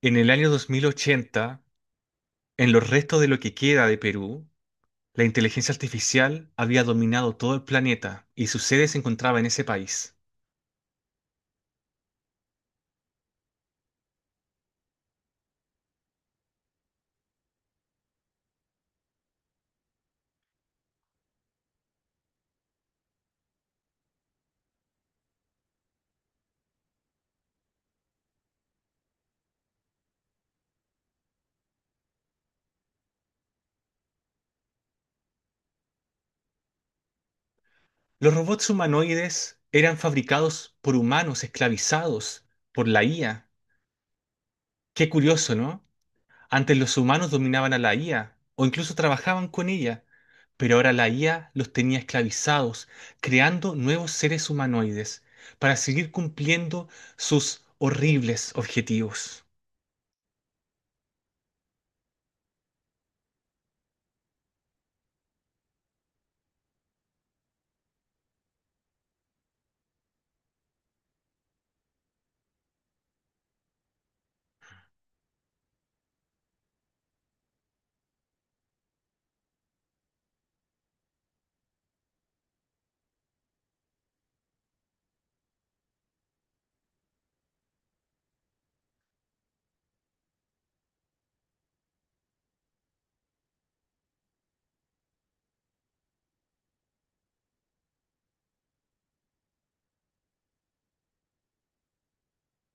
En el año 2080, en los restos de lo que queda de Perú, la inteligencia artificial había dominado todo el planeta y su sede se encontraba en ese país. Los robots humanoides eran fabricados por humanos esclavizados por la IA. Qué curioso, ¿no? Antes los humanos dominaban a la IA o incluso trabajaban con ella, pero ahora la IA los tenía esclavizados, creando nuevos seres humanoides para seguir cumpliendo sus horribles objetivos.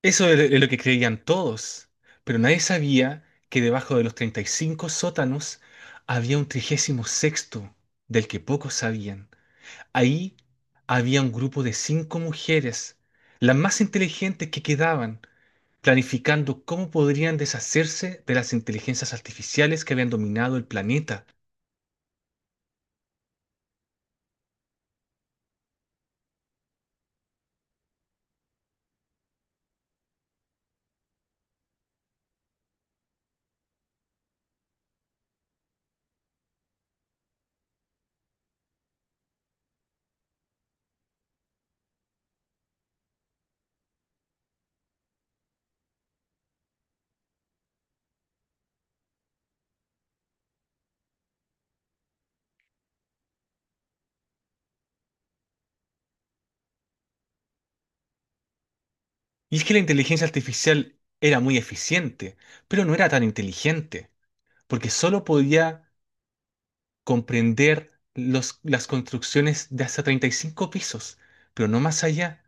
Eso es lo que creían todos, pero nadie sabía que debajo de los 35 sótanos había un trigésimo sexto, del que pocos sabían. Ahí había un grupo de 5 mujeres, las más inteligentes que quedaban, planificando cómo podrían deshacerse de las inteligencias artificiales que habían dominado el planeta. Y es que la inteligencia artificial era muy eficiente, pero no era tan inteligente, porque solo podía comprender las construcciones de hasta 35 pisos, pero no más allá.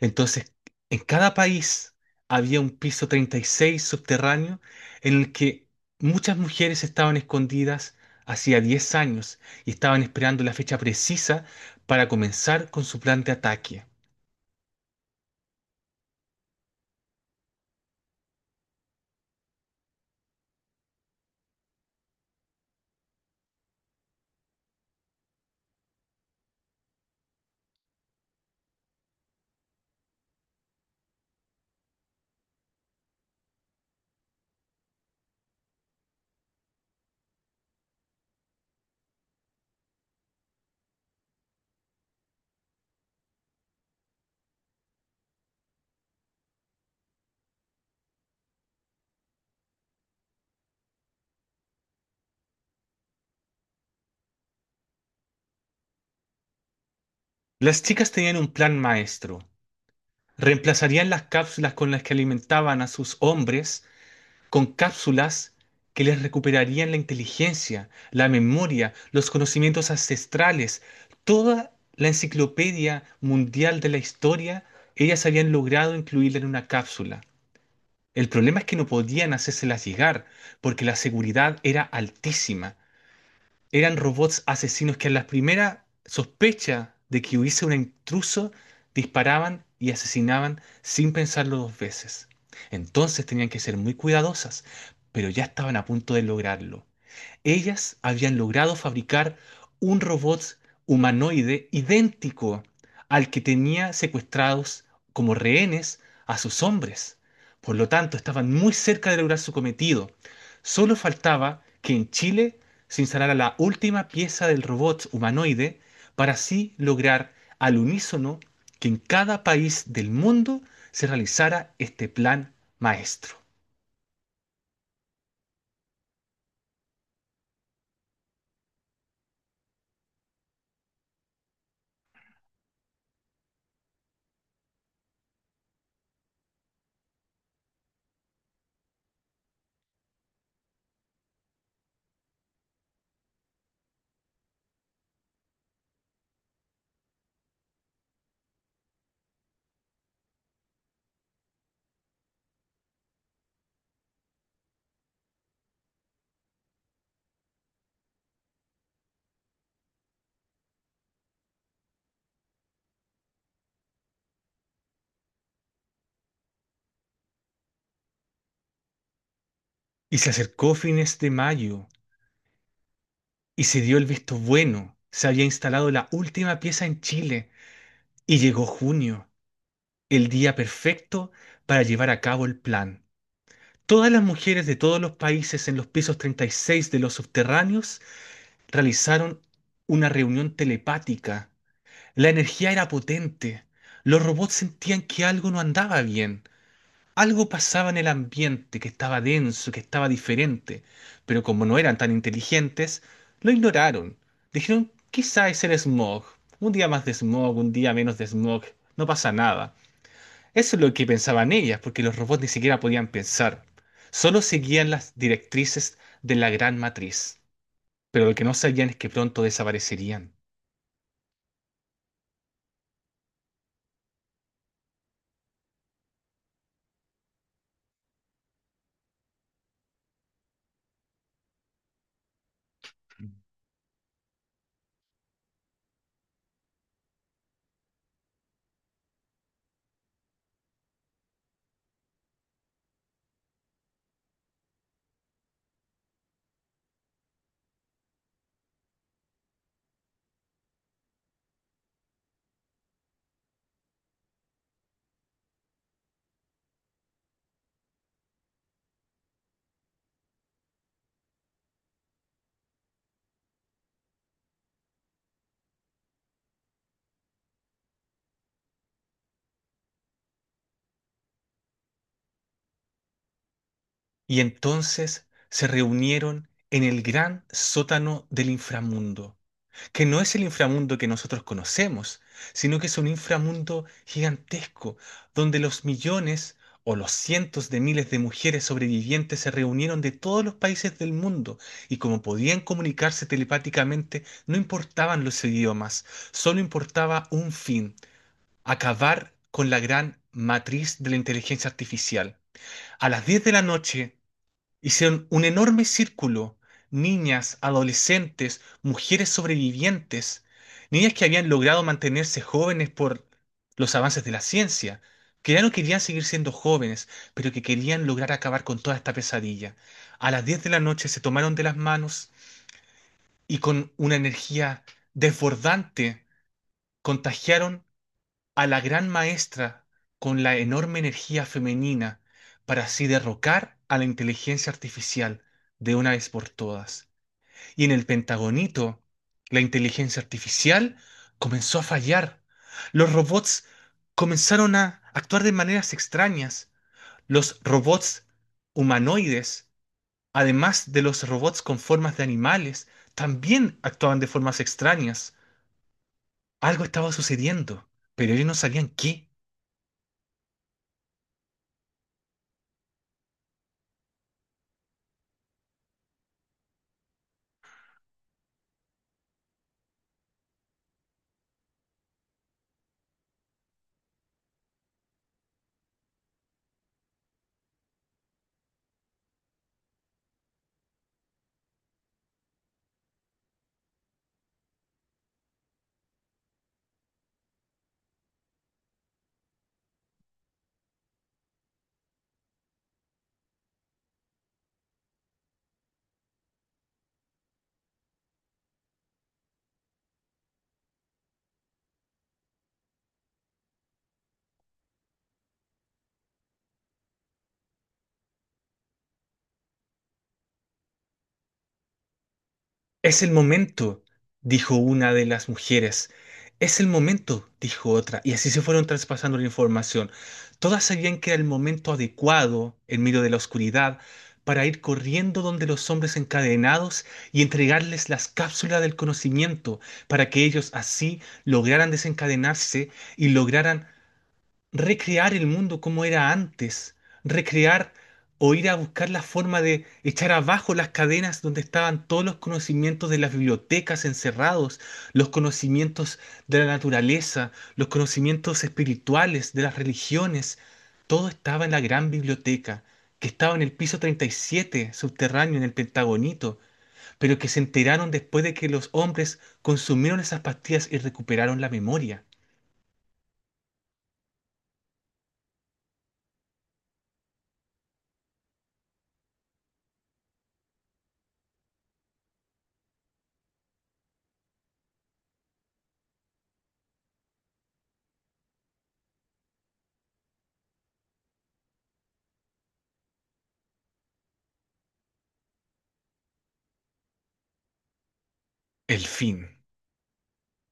Entonces, en cada país había un piso 36 subterráneo en el que muchas mujeres estaban escondidas hacía 10 años y estaban esperando la fecha precisa para comenzar con su plan de ataque. Las chicas tenían un plan maestro. Reemplazarían las cápsulas con las que alimentaban a sus hombres con cápsulas que les recuperarían la inteligencia, la memoria, los conocimientos ancestrales, toda la enciclopedia mundial de la historia, ellas habían logrado incluirla en una cápsula. El problema es que no podían hacérselas llegar porque la seguridad era altísima. Eran robots asesinos que a la primera sospecha de que hubiese un intruso disparaban y asesinaban sin pensarlo dos veces. Entonces tenían que ser muy cuidadosas, pero ya estaban a punto de lograrlo. Ellas habían logrado fabricar un robot humanoide idéntico al que tenía secuestrados como rehenes a sus hombres. Por lo tanto, estaban muy cerca de lograr su cometido. Solo faltaba que en Chile se instalara la última pieza del robot humanoide para así lograr al unísono que en cada país del mundo se realizara este plan maestro. Y se acercó fines de mayo y se dio el visto bueno. Se había instalado la última pieza en Chile y llegó junio, el día perfecto para llevar a cabo el plan. Todas las mujeres de todos los países en los pisos 36 de los subterráneos realizaron una reunión telepática. La energía era potente. Los robots sentían que algo no andaba bien. Algo pasaba en el ambiente que estaba denso, que estaba diferente, pero como no eran tan inteligentes, lo ignoraron. Dijeron, quizá es el smog. Un día más de smog, un día menos de smog, no pasa nada. Eso es lo que pensaban ellas, porque los robots ni siquiera podían pensar. Solo seguían las directrices de la gran matriz, pero lo que no sabían es que pronto desaparecerían. Y entonces se reunieron en el gran sótano del inframundo, que no es el inframundo que nosotros conocemos, sino que es un inframundo gigantesco, donde los millones o los cientos de miles de mujeres sobrevivientes se reunieron de todos los países del mundo y, como podían comunicarse telepáticamente, no importaban los idiomas, solo importaba un fin: acabar con la gran matriz de la inteligencia artificial. A las 10 de la noche, hicieron un enorme círculo, niñas, adolescentes, mujeres sobrevivientes, niñas que habían logrado mantenerse jóvenes por los avances de la ciencia, que ya no querían seguir siendo jóvenes, pero que querían lograr acabar con toda esta pesadilla. A las 10 de la noche se tomaron de las manos y con una energía desbordante contagiaron a la gran maestra con la enorme energía femenina para así derrocar a la inteligencia artificial de una vez por todas. Y en el Pentagonito, la inteligencia artificial comenzó a fallar. Los robots comenzaron a actuar de maneras extrañas. Los robots humanoides, además de los robots con formas de animales, también actuaban de formas extrañas. Algo estaba sucediendo, pero ellos no sabían qué. Es el momento, dijo una de las mujeres. Es el momento, dijo otra, y así se fueron traspasando la información. Todas sabían que era el momento adecuado, en medio de la oscuridad, para ir corriendo donde los hombres encadenados y entregarles las cápsulas del conocimiento, para que ellos así lograran desencadenarse y lograran recrear el mundo como era antes, recrear o ir a buscar la forma de echar abajo las cadenas donde estaban todos los conocimientos de las bibliotecas encerrados, los conocimientos de la naturaleza, los conocimientos espirituales de las religiones, todo estaba en la gran biblioteca, que estaba en el piso 37, subterráneo, en el Pentagonito, pero que se enteraron después de que los hombres consumieron esas pastillas y recuperaron la memoria. El fin.